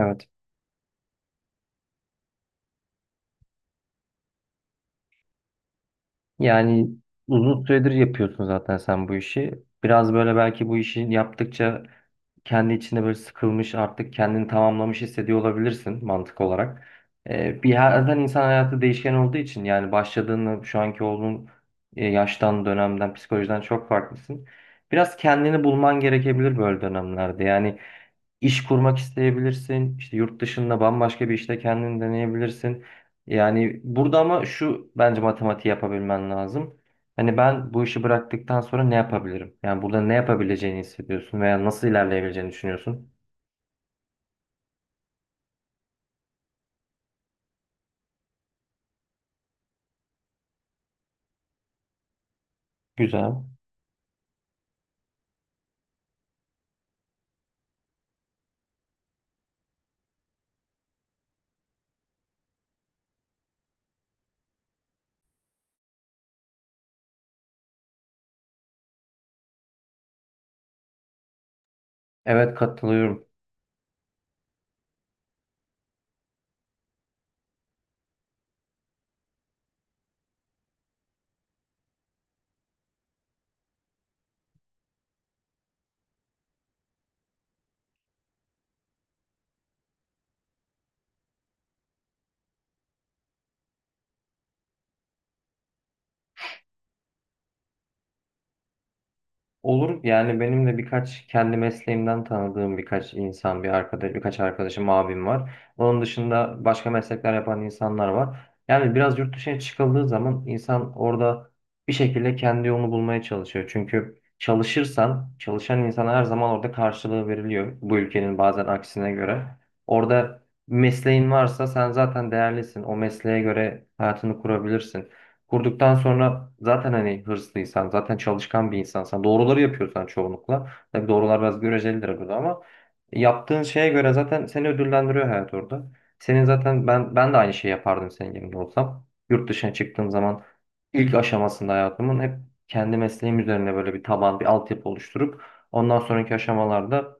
Evet. Yani uzun süredir yapıyorsun zaten sen bu işi. Biraz böyle belki bu işi yaptıkça kendi içinde böyle sıkılmış artık kendini tamamlamış hissediyor olabilirsin mantık olarak. Zaten insan hayatı değişken olduğu için yani başladığını şu anki olduğun yaştan, dönemden, psikolojiden çok farklısın. Biraz kendini bulman gerekebilir böyle dönemlerde. Yani İş kurmak isteyebilirsin. İşte yurt dışında bambaşka bir işte kendini deneyebilirsin. Yani burada ama şu bence matematiği yapabilmen lazım. Hani ben bu işi bıraktıktan sonra ne yapabilirim? Yani burada ne yapabileceğini hissediyorsun veya nasıl ilerleyebileceğini düşünüyorsun. Güzel. Evet, katılıyorum. Olur, yani benim de birkaç kendi mesleğimden tanıdığım birkaç insan, bir arkadaş, birkaç arkadaşım, abim var. Onun dışında başka meslekler yapan insanlar var. Yani biraz yurt dışına çıkıldığı zaman insan orada bir şekilde kendi yolunu bulmaya çalışıyor. Çünkü çalışırsan, çalışan insana her zaman orada karşılığı veriliyor. Bu ülkenin bazen aksine göre. Orada mesleğin varsa sen zaten değerlisin. O mesleğe göre hayatını kurabilirsin. Kurduktan sonra zaten hani hırslıysan, zaten çalışkan bir insansan, doğruları yapıyorsan çoğunlukla. Tabii doğrular biraz görecelidir burada ama yaptığın şeye göre zaten seni ödüllendiriyor hayat orada. Senin zaten ben de aynı şeyi yapardım senin yerinde olsam. Yurt dışına çıktığım zaman ilk aşamasında hayatımın hep kendi mesleğim üzerine böyle bir taban, bir altyapı oluşturup ondan sonraki aşamalarda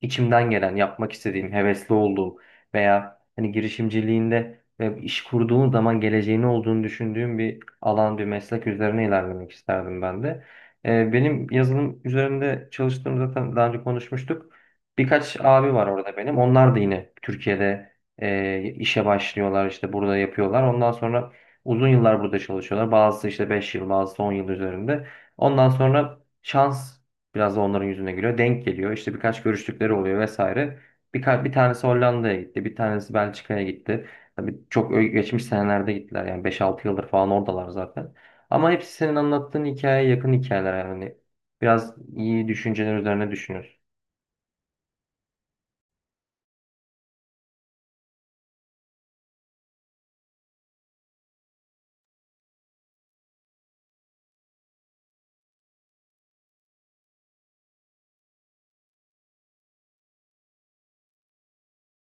içimden gelen, yapmak istediğim, hevesli olduğum veya hani girişimciliğinde ve iş kurduğun zaman geleceğini olduğunu düşündüğüm bir alan, bir meslek üzerine ilerlemek isterdim ben de. Benim yazılım üzerinde çalıştığım zaten daha önce konuşmuştuk. Birkaç abi var orada benim. Onlar da yine Türkiye'de işe başlıyorlar, işte burada yapıyorlar. Ondan sonra uzun yıllar burada çalışıyorlar. Bazısı işte 5 yıl, bazısı 10 yıl üzerinde. Ondan sonra şans biraz da onların yüzüne gülüyor. Denk geliyor. İşte birkaç görüştükleri oluyor vesaire. Bir tanesi Hollanda'ya gitti. Bir tanesi Belçika'ya gitti. Tabii çok geçmiş senelerde gittiler. Yani beş altı yıldır falan oradalar zaten. Ama hepsi senin anlattığın hikayeye yakın hikayeler yani. Hani biraz iyi düşünceler üzerine düşünüyorsun.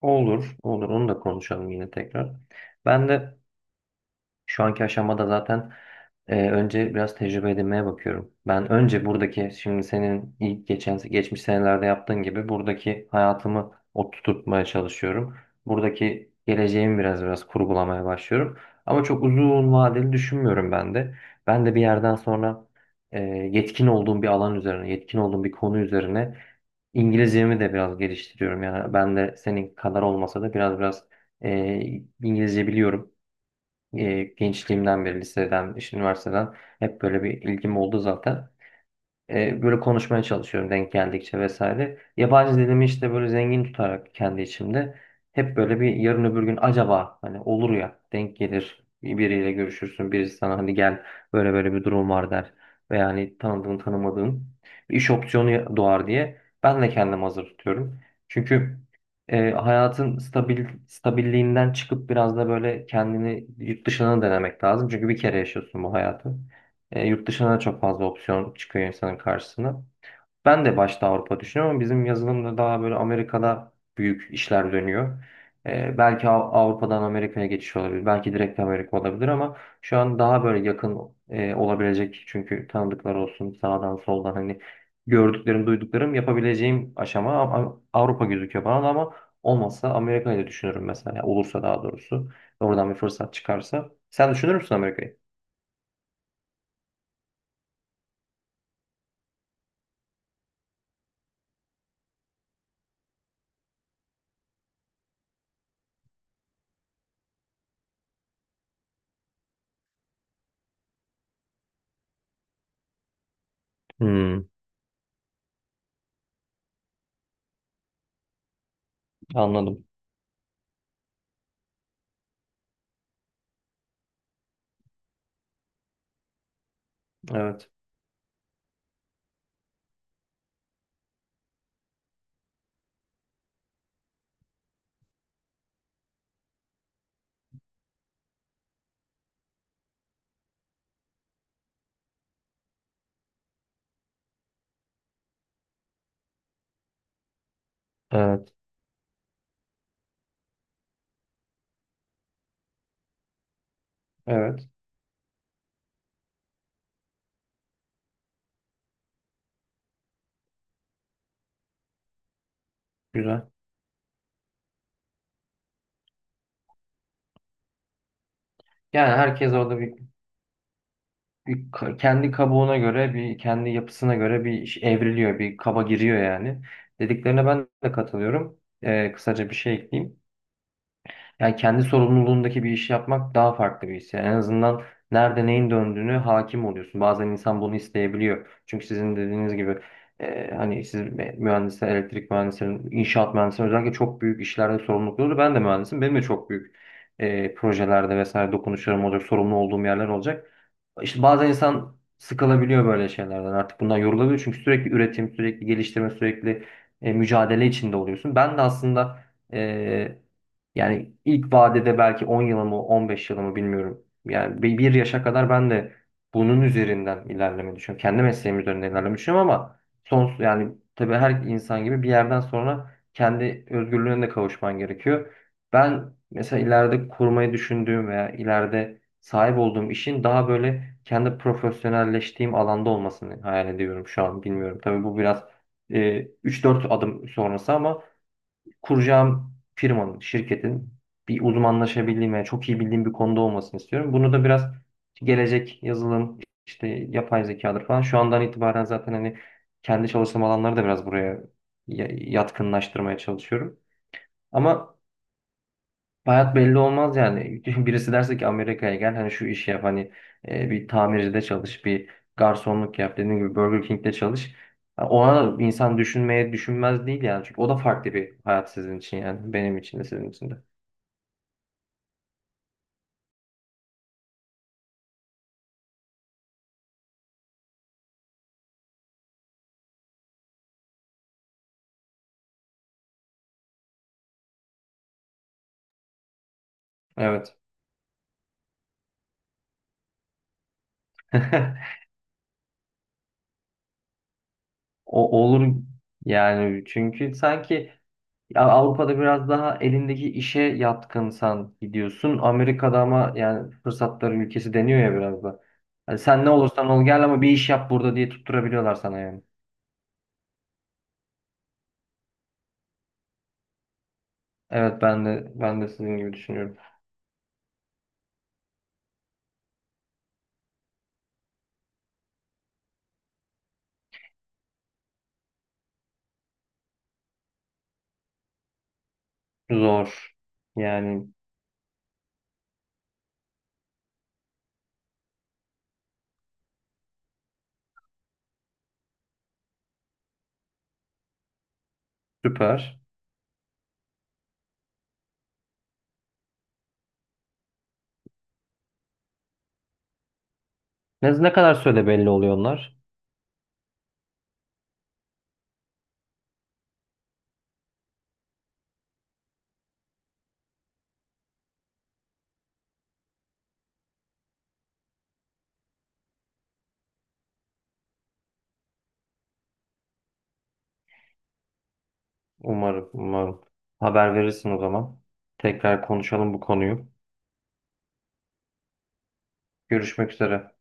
Olur, olur. Onu da konuşalım yine tekrar. Ben de şu anki aşamada zaten önce biraz tecrübe edinmeye bakıyorum. Ben önce buradaki şimdi senin ilk geçmiş senelerde yaptığın gibi buradaki hayatımı oturtmaya çalışıyorum. Buradaki geleceğimi biraz kurgulamaya başlıyorum. Ama çok uzun vadeli düşünmüyorum ben de. Ben de bir yerden sonra yetkin olduğum bir alan üzerine, yetkin olduğum bir konu üzerine İngilizcemi de biraz geliştiriyorum. Yani ben de senin kadar olmasa da biraz e, İngilizce biliyorum. Gençliğimden beri liseden, işte üniversiteden hep böyle bir ilgim oldu zaten. Böyle konuşmaya çalışıyorum denk geldikçe vesaire. Yabancı dilimi işte böyle zengin tutarak kendi içimde hep böyle bir yarın öbür gün acaba hani olur ya denk gelir biriyle görüşürsün birisi sana hani gel böyle böyle bir durum var der veya hani tanıdığın tanımadığın bir iş opsiyonu doğar diye ben de kendimi hazır tutuyorum. Çünkü hayatın stabilliğinden çıkıp biraz da böyle kendini yurt dışına denemek lazım. Çünkü bir kere yaşıyorsun bu hayatı. E, yurt dışına da çok fazla opsiyon çıkıyor insanın karşısına. Ben de başta Avrupa düşünüyorum ama bizim yazılımda daha böyle Amerika'da büyük işler dönüyor. E, belki Avrupa'dan Amerika'ya geçiş olabilir. Belki direkt Amerika olabilir ama şu an daha böyle yakın olabilecek. Çünkü tanıdıklar olsun sağdan soldan hani gördüklerim, duyduklarım yapabileceğim aşama ama Avrupa gözüküyor bana da ama olmazsa Amerika'yı da düşünürüm mesela. Olursa daha doğrusu. Oradan bir fırsat çıkarsa. Sen düşünür müsün Amerika'yı? Hmm, anladım. Evet. Evet. Evet. Güzel. Yani herkes orada kendi kabuğuna göre, bir kendi yapısına göre bir iş evriliyor, bir kaba giriyor yani. Dediklerine ben de katılıyorum. Kısaca bir şey ekleyeyim. Yani kendi sorumluluğundaki bir işi yapmak daha farklı bir his. Yani en azından nerede neyin döndüğünü hakim oluyorsun. Bazen insan bunu isteyebiliyor. Çünkü sizin dediğiniz gibi hani siz mühendisler, elektrik mühendislerin, inşaat mühendislerin özellikle çok büyük işlerde sorumlulukları. Ben de mühendisim. Benim de çok büyük projelerde vesaire dokunuşlarım olacak, sorumlu olduğum yerler olacak. İşte bazen insan sıkılabiliyor böyle şeylerden artık bundan yorulabiliyor çünkü sürekli üretim, sürekli geliştirme, sürekli mücadele içinde oluyorsun. Ben de aslında e, yani ilk vadede belki 10 yılımı, 15 yılımı bilmiyorum. Yani bir yaşa kadar ben de bunun üzerinden ilerlemeyi düşünüyorum. Kendi mesleğim üzerinden ilerlemeyi düşünüyorum ama son yani tabii her insan gibi bir yerden sonra kendi özgürlüğüne de kavuşman gerekiyor. Ben mesela ileride kurmayı düşündüğüm veya ileride sahip olduğum işin daha böyle kendi profesyonelleştiğim alanda olmasını hayal ediyorum şu an bilmiyorum. Tabii bu biraz 3-4 adım sonrası ama kuracağım firmanın, şirketin bir uzmanlaşabildiğim ve çok iyi bildiğim bir konuda olmasını istiyorum. Bunu da biraz gelecek yazılım, işte yapay zekadır falan. Şu andan itibaren zaten hani kendi çalışma alanları da biraz buraya yatkınlaştırmaya çalışıyorum. Ama hayat belli olmaz yani. Birisi derse ki Amerika'ya gel hani şu işi yap hani bir tamircide çalış, bir garsonluk yap dediğim gibi Burger King'de çalış. Ha, ona da insan düşünmeye düşünmez değil yani. Çünkü o da farklı bir hayat sizin için yani. Benim için de sizin için de. Evet. O olur yani çünkü sanki ya Avrupa'da biraz daha elindeki işe yatkınsan gidiyorsun. Amerika'da ama yani fırsatların ülkesi deniyor ya biraz da. Hani sen ne olursan ol gel ama bir iş yap burada diye tutturabiliyorlar sana yani. Evet, ben de ben de sizin gibi düşünüyorum. Zor. Yani süper. Ne, ne kadar süre belli oluyor onlar? Umarım, umarım. Haber verirsin o zaman. Tekrar konuşalım bu konuyu. Görüşmek üzere.